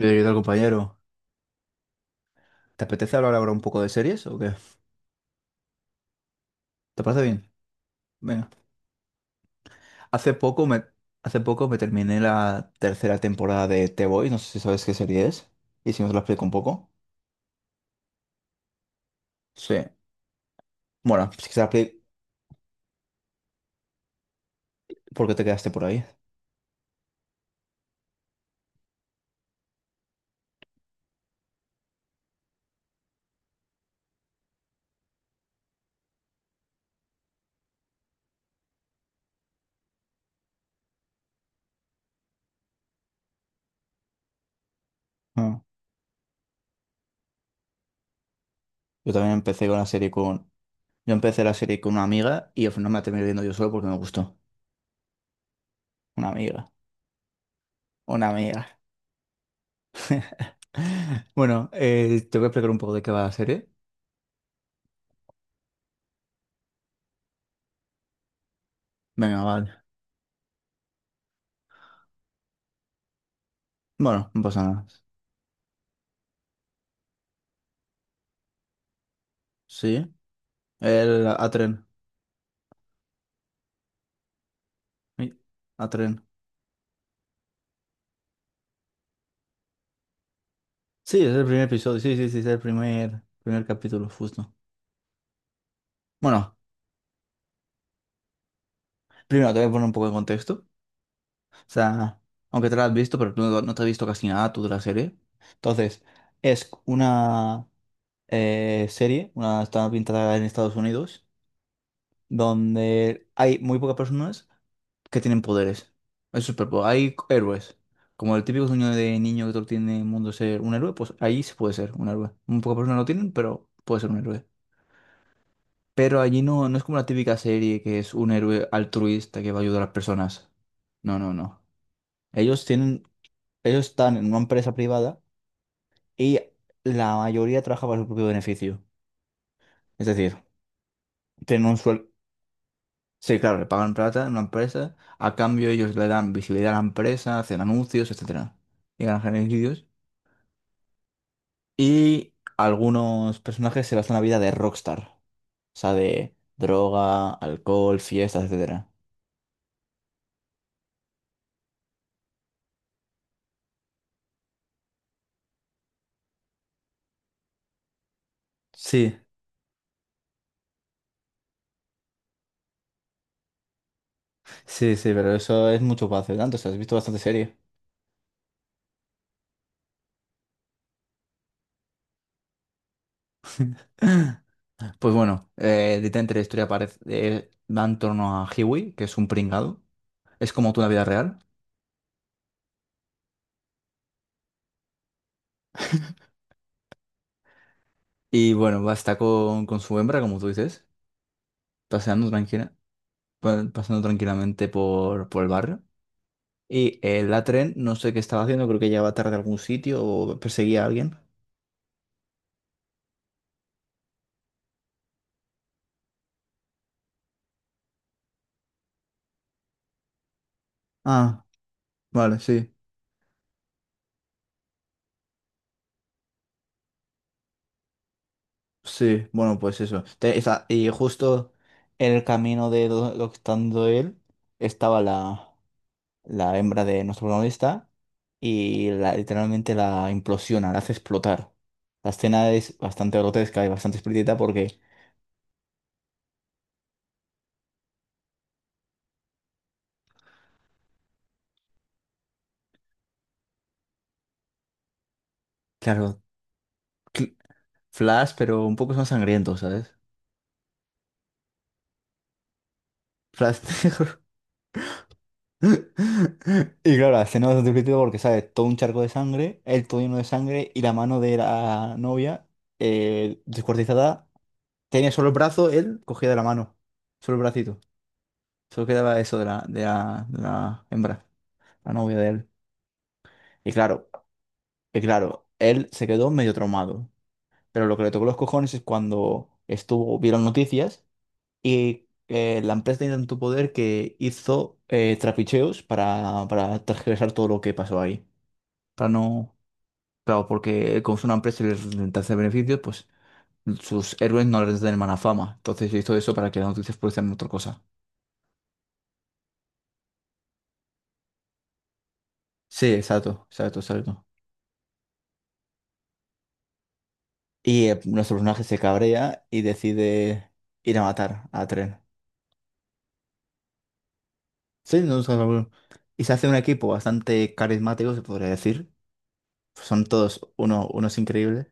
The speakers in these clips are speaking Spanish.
¿Qué tal, compañero? ¿Te apetece hablar ahora un poco de series o qué? ¿Te parece bien? Venga. Hace poco me, hace poco me terminé la tercera temporada de The Boys. No sé si sabes qué serie es. Y si no te la explico un poco. Sí. Bueno, si te la explico, ¿por qué te quedaste por ahí? Ah. Yo también empecé con la serie con... Yo empecé la serie con una amiga y al final me la terminé viendo yo solo porque me gustó. Una amiga. Una amiga. Bueno, te voy a explicar un poco de qué va la serie. Venga, vale. Bueno, no pasa nada. Sí. El Atren. Mi- A tren. Sí, es el primer episodio. Sí, sí, sí, es el primer capítulo, justo. Bueno, primero te voy a poner un poco de contexto. O sea, aunque te lo has visto, pero tú no te has visto casi nada tú de la serie. Entonces, es una serie, una está pintada en Estados Unidos, donde hay muy pocas personas que tienen poderes. Hay héroes. Como el típico sueño de niño que todo tiene en el mundo ser un héroe, pues ahí se puede ser un héroe. Muy pocas personas lo tienen, pero puede ser un héroe. Pero allí no es como la típica serie que es un héroe altruista que va a ayudar a las personas. No, no, no. Ellos tienen, ellos están en una empresa privada y la mayoría trabaja para su propio beneficio. Es decir, tienen un sueldo. Sí, claro, le pagan plata en una empresa, a cambio ellos le dan visibilidad a la empresa, hacen anuncios, etcétera. Y ganan beneficios. Y algunos personajes se basan la vida de rockstar. O sea, de droga, alcohol, fiestas, etcétera. Sí. Sí, sí, pero eso es mucho para hacer tanto, o sea, has visto bastante serie. Pues bueno, literalmente la historia parece, va en torno a Hiwi, que es un pringado. Es como tú en la vida real. Y bueno, va a estar con su hembra, como tú dices, paseando tranquila, pasando tranquilamente por el barrio. Y la tren, no sé qué estaba haciendo, creo que llegaba tarde a algún sitio o perseguía a alguien. Ah, vale, sí. Sí, bueno, pues eso. Y justo en el camino de lo que está dando él estaba la hembra de nuestro protagonista y literalmente la implosiona, la hace explotar. La escena es bastante grotesca y bastante explícita porque, claro, cl- Flash, pero un poco más sangriento, ¿sabes? Flash negro. Y claro, la escena es bastante explícita porque, ¿sabes? Todo un charco de sangre, el todo lleno de sangre y la mano de la novia descuartizada. Tenía solo el brazo, él cogía de la mano. Solo el bracito. Solo quedaba eso de de la hembra, la novia de él. Y claro, y claro, él se quedó medio traumado. Pero lo que le tocó los cojones es cuando estuvo, vieron noticias y la empresa tenía tanto poder que hizo trapicheos para tergiversar todo lo que pasó ahí. Para no. Claro, porque como es una empresa y les intenta hacer beneficios, pues sus héroes no les den mala fama. Entonces hizo eso para que las noticias fuesen otra cosa. Sí, exacto, exacto, exacto. Y nuestro personaje se cabrea y decide ir a matar a Tren. Sí, no es algo. Y se hace un equipo bastante carismático, se podría decir. Son todos unos increíbles.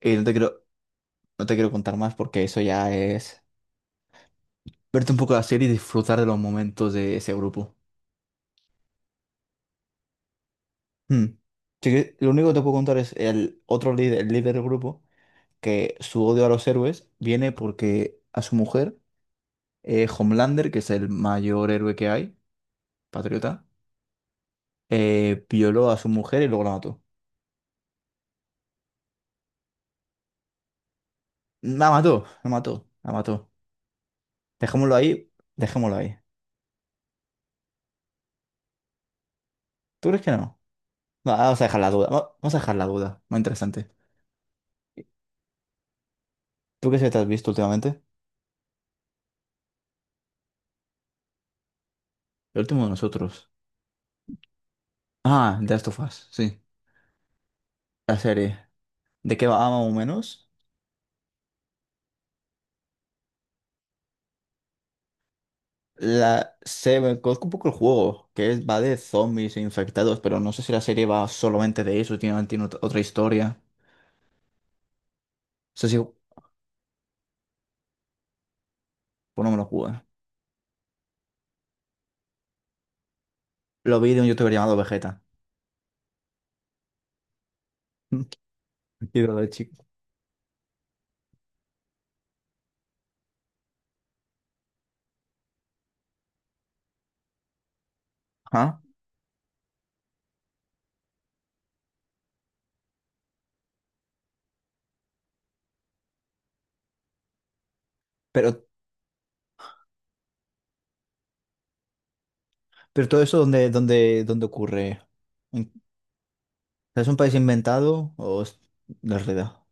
Y no te quiero contar más porque eso ya es verte un poco la serie y disfrutar de los momentos de ese grupo. Hmm. Sí que lo único que te puedo contar es el otro líder, el líder del grupo, que su odio a los héroes viene porque a su mujer, Homelander, que es el mayor héroe que hay, patriota, violó a su mujer y luego la mató. La mató, la mató, la mató. Dejémoslo ahí, dejémoslo ahí. ¿Tú crees que no? Va, vamos a dejar la duda, vamos a dejar la duda. Muy interesante. ¿Tú qué serie te has visto últimamente? El último de nosotros. Ah, The Last of Us, sí. La serie. ¿De qué va más o menos? La se me conozco un poco el juego, que es, va de zombies e infectados, pero no sé si la serie va solamente de eso, tiene otra historia. No sé si pues, no me lo jugué. Lo vi de un youtuber llamado Vegeta. Y todo chico. Ajá. Pero, pero todo eso, dónde ocurre? ¿En- ¿Es un país inventado o es de realidad?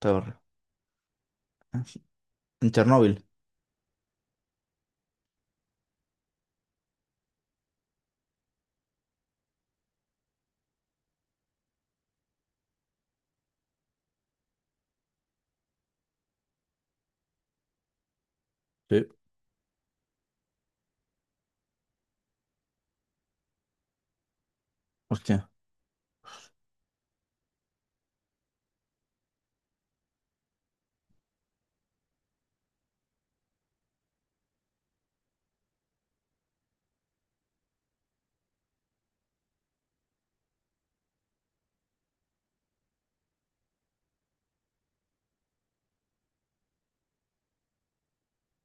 Todo. ¿En Chernóbil? Sí. Hostia.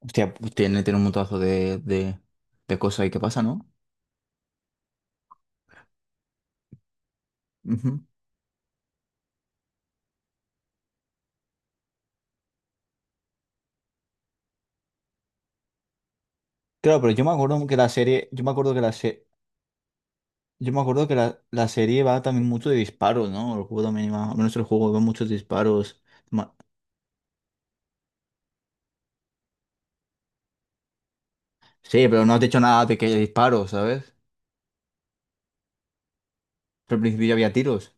Hostia, pues tiene, tiene un montazo de cosas ahí que pasa, ¿no? Ujú. Claro, pero yo me acuerdo que la serie, yo me acuerdo que la serie va también mucho de disparos, ¿no? El juego también va, al menos el juego va muchos disparos. Ma- Sí, pero no has dicho nada de que haya disparos, ¿sabes? Pero al principio había tiros,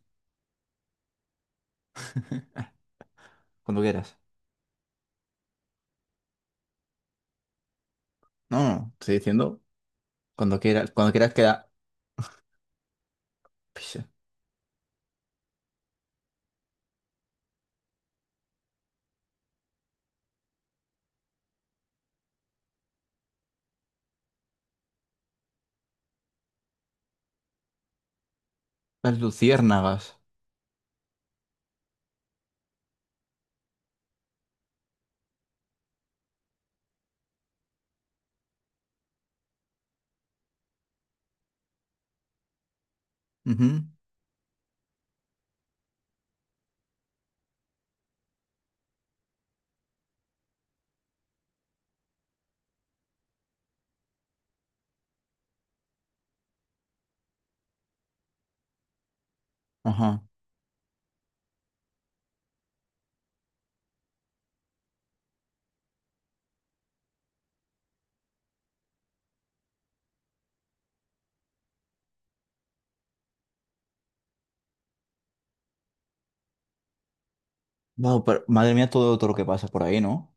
cuando quieras. No, estoy diciendo cuando quieras queda. Pisa. Las luciérnagas. Ujú, ajá. Wow, pero madre mía, todo, todo lo que pasa por ahí, ¿no?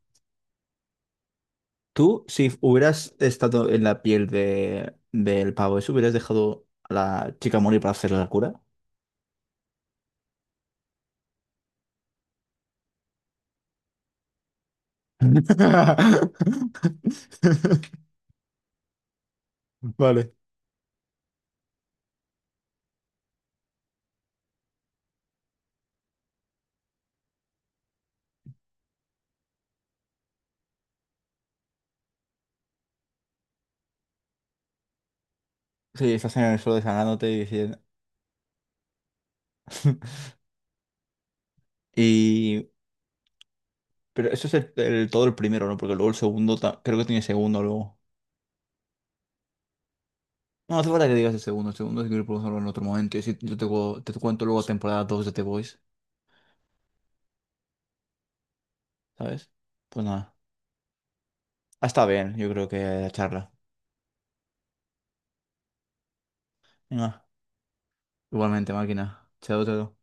Tú, si hubieras estado en la piel del pavo, ¿eso hubieras dejado a la chica morir para hacerle la cura? Vale. Sí, estás en el suelo desangrándote y diciendo. Y. Pero eso es todo el primero, ¿no? Porque luego el segundo, creo que tiene segundo luego. No hace falta que digas el segundo. El segundo es que lo podemos hablar en otro momento. Y si yo te cuento luego temporada 2 de The Voice, ¿sabes? Pues nada. Ah, está bien, yo creo que la charla. Venga, igualmente, máquina. Chao, chao.